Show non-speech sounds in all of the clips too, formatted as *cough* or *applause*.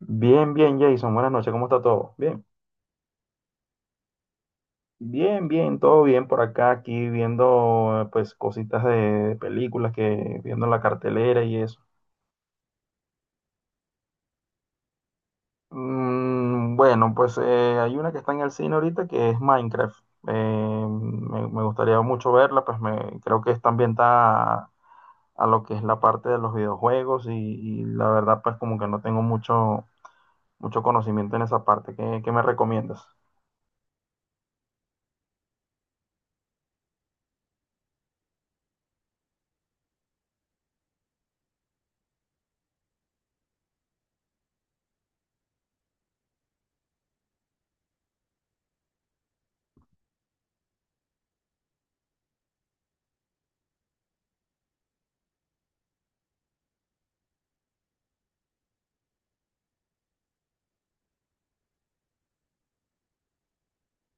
Bien, bien, Jason. Buenas noches. ¿Cómo está todo? Bien. Bien, bien, todo bien por acá, aquí viendo pues cositas de películas que viendo en la cartelera y eso. Mm, bueno, pues hay una que está en el cine ahorita que es Minecraft. Me gustaría mucho verla, pues me, creo que está ambientada a lo que es la parte de los videojuegos y la verdad pues como que no tengo mucho conocimiento en esa parte. ¿Qué me recomiendas?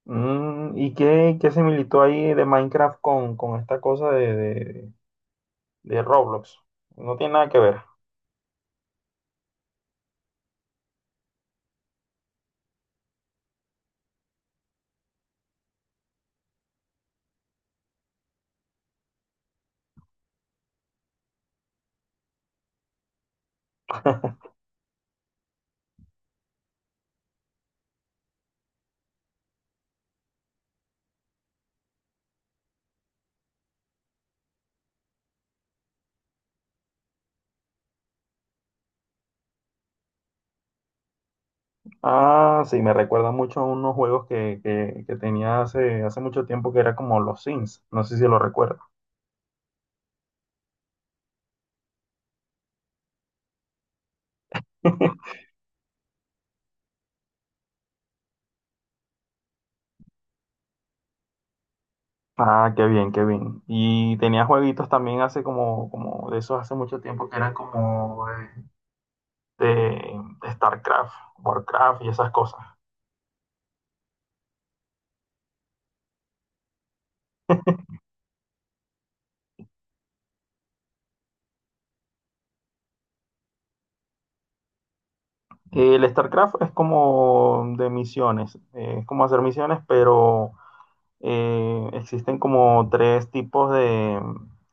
Mm, ¿y qué similitud hay de Minecraft con esta cosa de Roblox? No tiene nada que ver. *laughs* Ah, sí, me recuerda mucho a unos juegos que tenía hace mucho tiempo que era como los Sims. No sé si lo recuerdo. *laughs* Ah, qué bien, qué bien. Y tenía jueguitos también hace como, como de esos hace mucho tiempo que eran como de, de StarCraft, Warcraft y esas cosas. El StarCraft es como de misiones, es como hacer misiones, pero existen como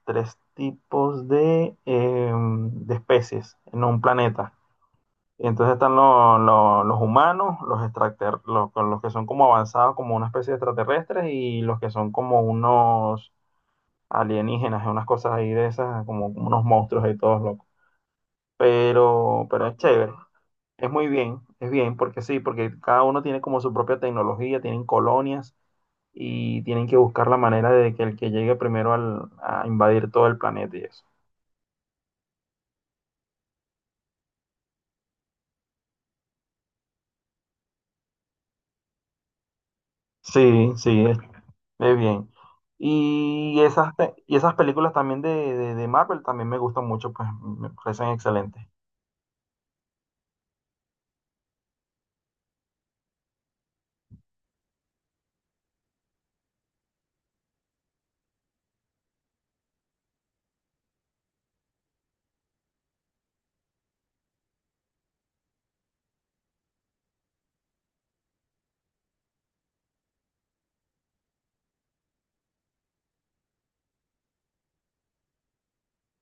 tres tipos de especies en un planeta. Entonces están los humanos, los, los, con los que son como avanzados como una especie de extraterrestres y los que son como unos alienígenas, unas cosas ahí de esas, como, como unos monstruos y todos locos. Pero es chévere, es muy bien, es bien, porque sí, porque cada uno tiene como su propia tecnología, tienen colonias y tienen que buscar la manera de que el que llegue primero a invadir todo el planeta y eso. Sí, sí, es bien. Y esas, y esas películas también de Marvel también me gustan mucho, pues me parecen excelentes.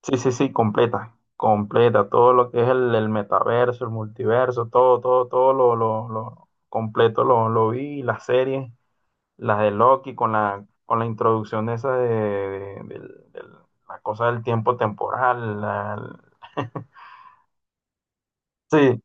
Sí, sí, sí, completa, todo lo que es el metaverso, el multiverso, todo, todo, todo lo completo lo vi, las series, las de Loki con con la introducción esa de la cosa del tiempo temporal. *laughs* Sí,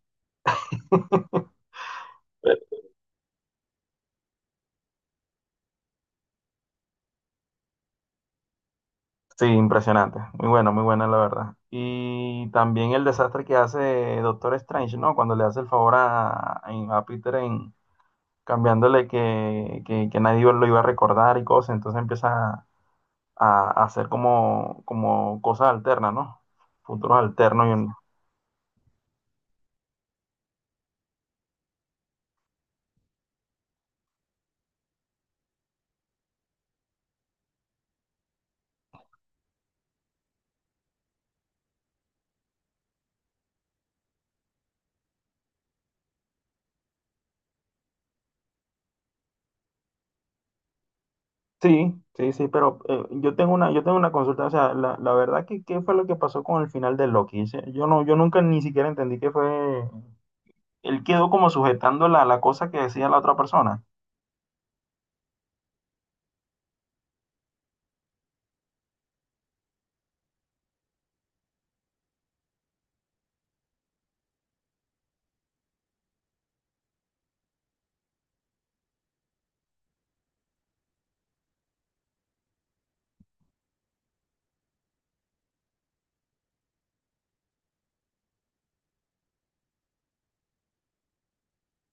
sí, impresionante. Muy bueno, muy buena la verdad. Y también el desastre que hace Doctor Strange, ¿no? Cuando le hace el favor a Peter en cambiándole que nadie lo iba a recordar y cosas. Entonces empieza a hacer como, como cosas alternas, ¿no? Futuros alternos. Sí, sí, sí, pero yo tengo una consulta, o sea, la verdad que qué fue lo que pasó con el final de Loki. Sí, yo no, yo nunca ni siquiera entendí qué fue. Él quedó como sujetando la cosa que decía la otra persona.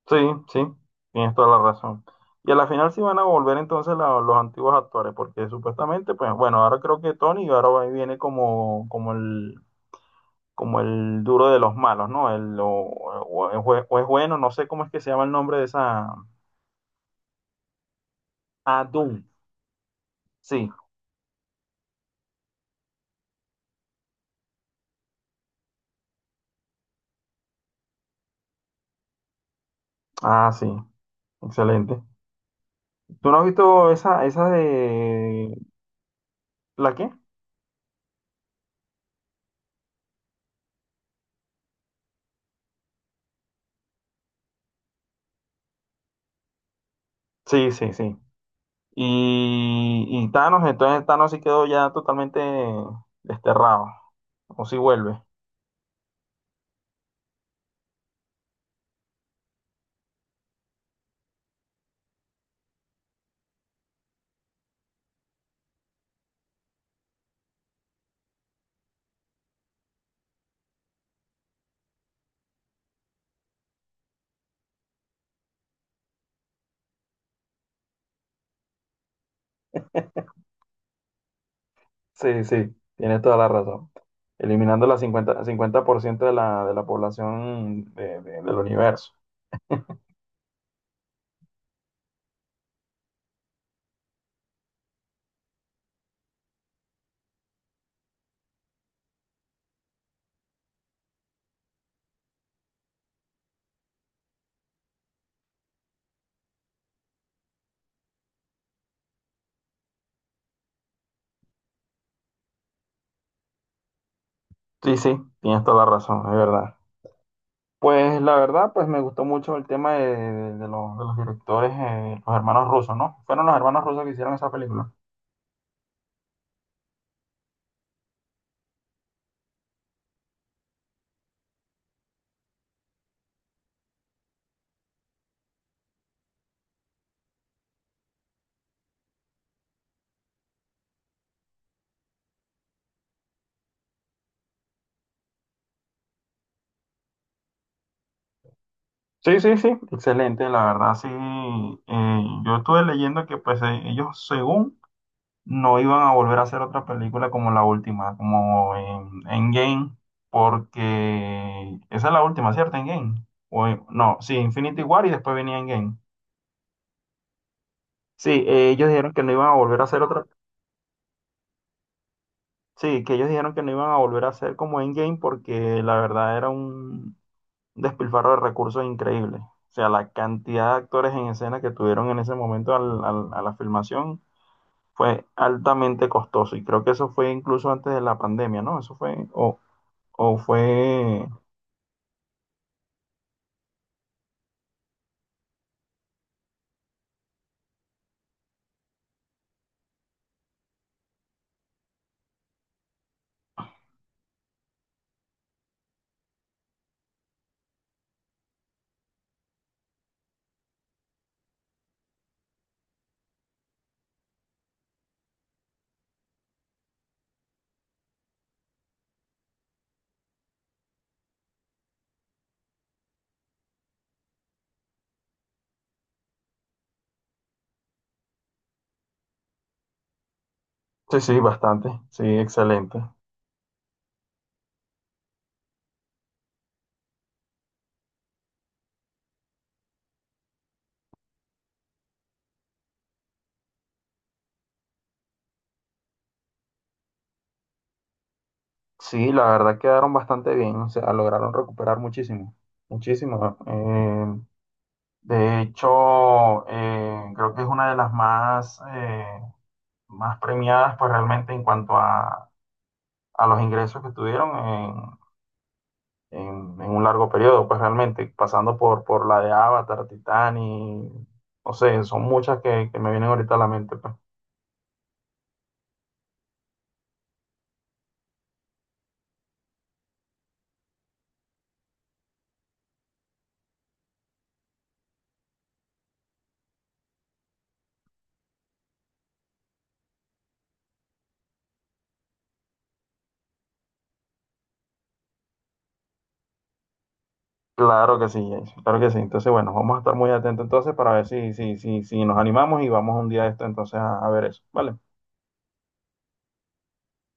Sí, sí, tienes toda la razón. Y a la final sí van a volver entonces los antiguos actores, porque supuestamente, pues, bueno, ahora creo que Tony ahora viene como, como como el duro de los malos, ¿no? El, o es, o es bueno, no sé cómo es que se llama el nombre de esa. Ah, Doom. Sí. Ah, sí. Excelente. ¿Tú no has visto esa de... ¿La qué? Sí, sí, sí. Y Thanos, entonces Thanos sí quedó ya totalmente desterrado. O si vuelve. Sí, sí, tienes toda la razón. Eliminando la cincuenta por ciento de de la población del universo. Sí, sí, tienes toda la razón, es verdad. Pues la verdad, pues me gustó mucho el tema de, de los directores, los hermanos rusos, ¿no? Fueron los hermanos rusos que hicieron esa película. Sí, sí, sí, excelente, la verdad, sí. Yo estuve leyendo que pues ellos según no iban a volver a hacer otra película como la última, como en Endgame, porque esa es la última, ¿cierto? Endgame. O, no, sí, Infinity War y después venía Endgame. Sí, ellos dijeron que no iban a volver a hacer otra. Sí, que ellos dijeron que no iban a volver a hacer como Endgame porque la verdad era un despilfarro de recursos increíble. O sea, la cantidad de actores en escena que tuvieron en ese momento a la filmación fue altamente costoso. Y creo que eso fue incluso antes de la pandemia, ¿no? Eso fue, o fue, sí, sí, bastante, sí, excelente. Sí, la verdad quedaron bastante bien, o sea, lograron recuperar muchísimo, muchísimo. De hecho, creo que es una de las más, más premiadas, pues realmente en cuanto a los ingresos que tuvieron en, en un largo periodo, pues realmente, pasando por la de Avatar, Titanic, no sé, son muchas que me vienen ahorita a la mente, pues. Claro que sí, Jason, claro que sí. Entonces, bueno, vamos a estar muy atentos entonces para ver si nos animamos y vamos un día de esto entonces a ver eso, ¿vale?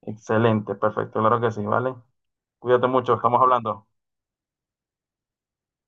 Excelente, perfecto, claro que sí, ¿vale? Cuídate mucho, estamos hablando.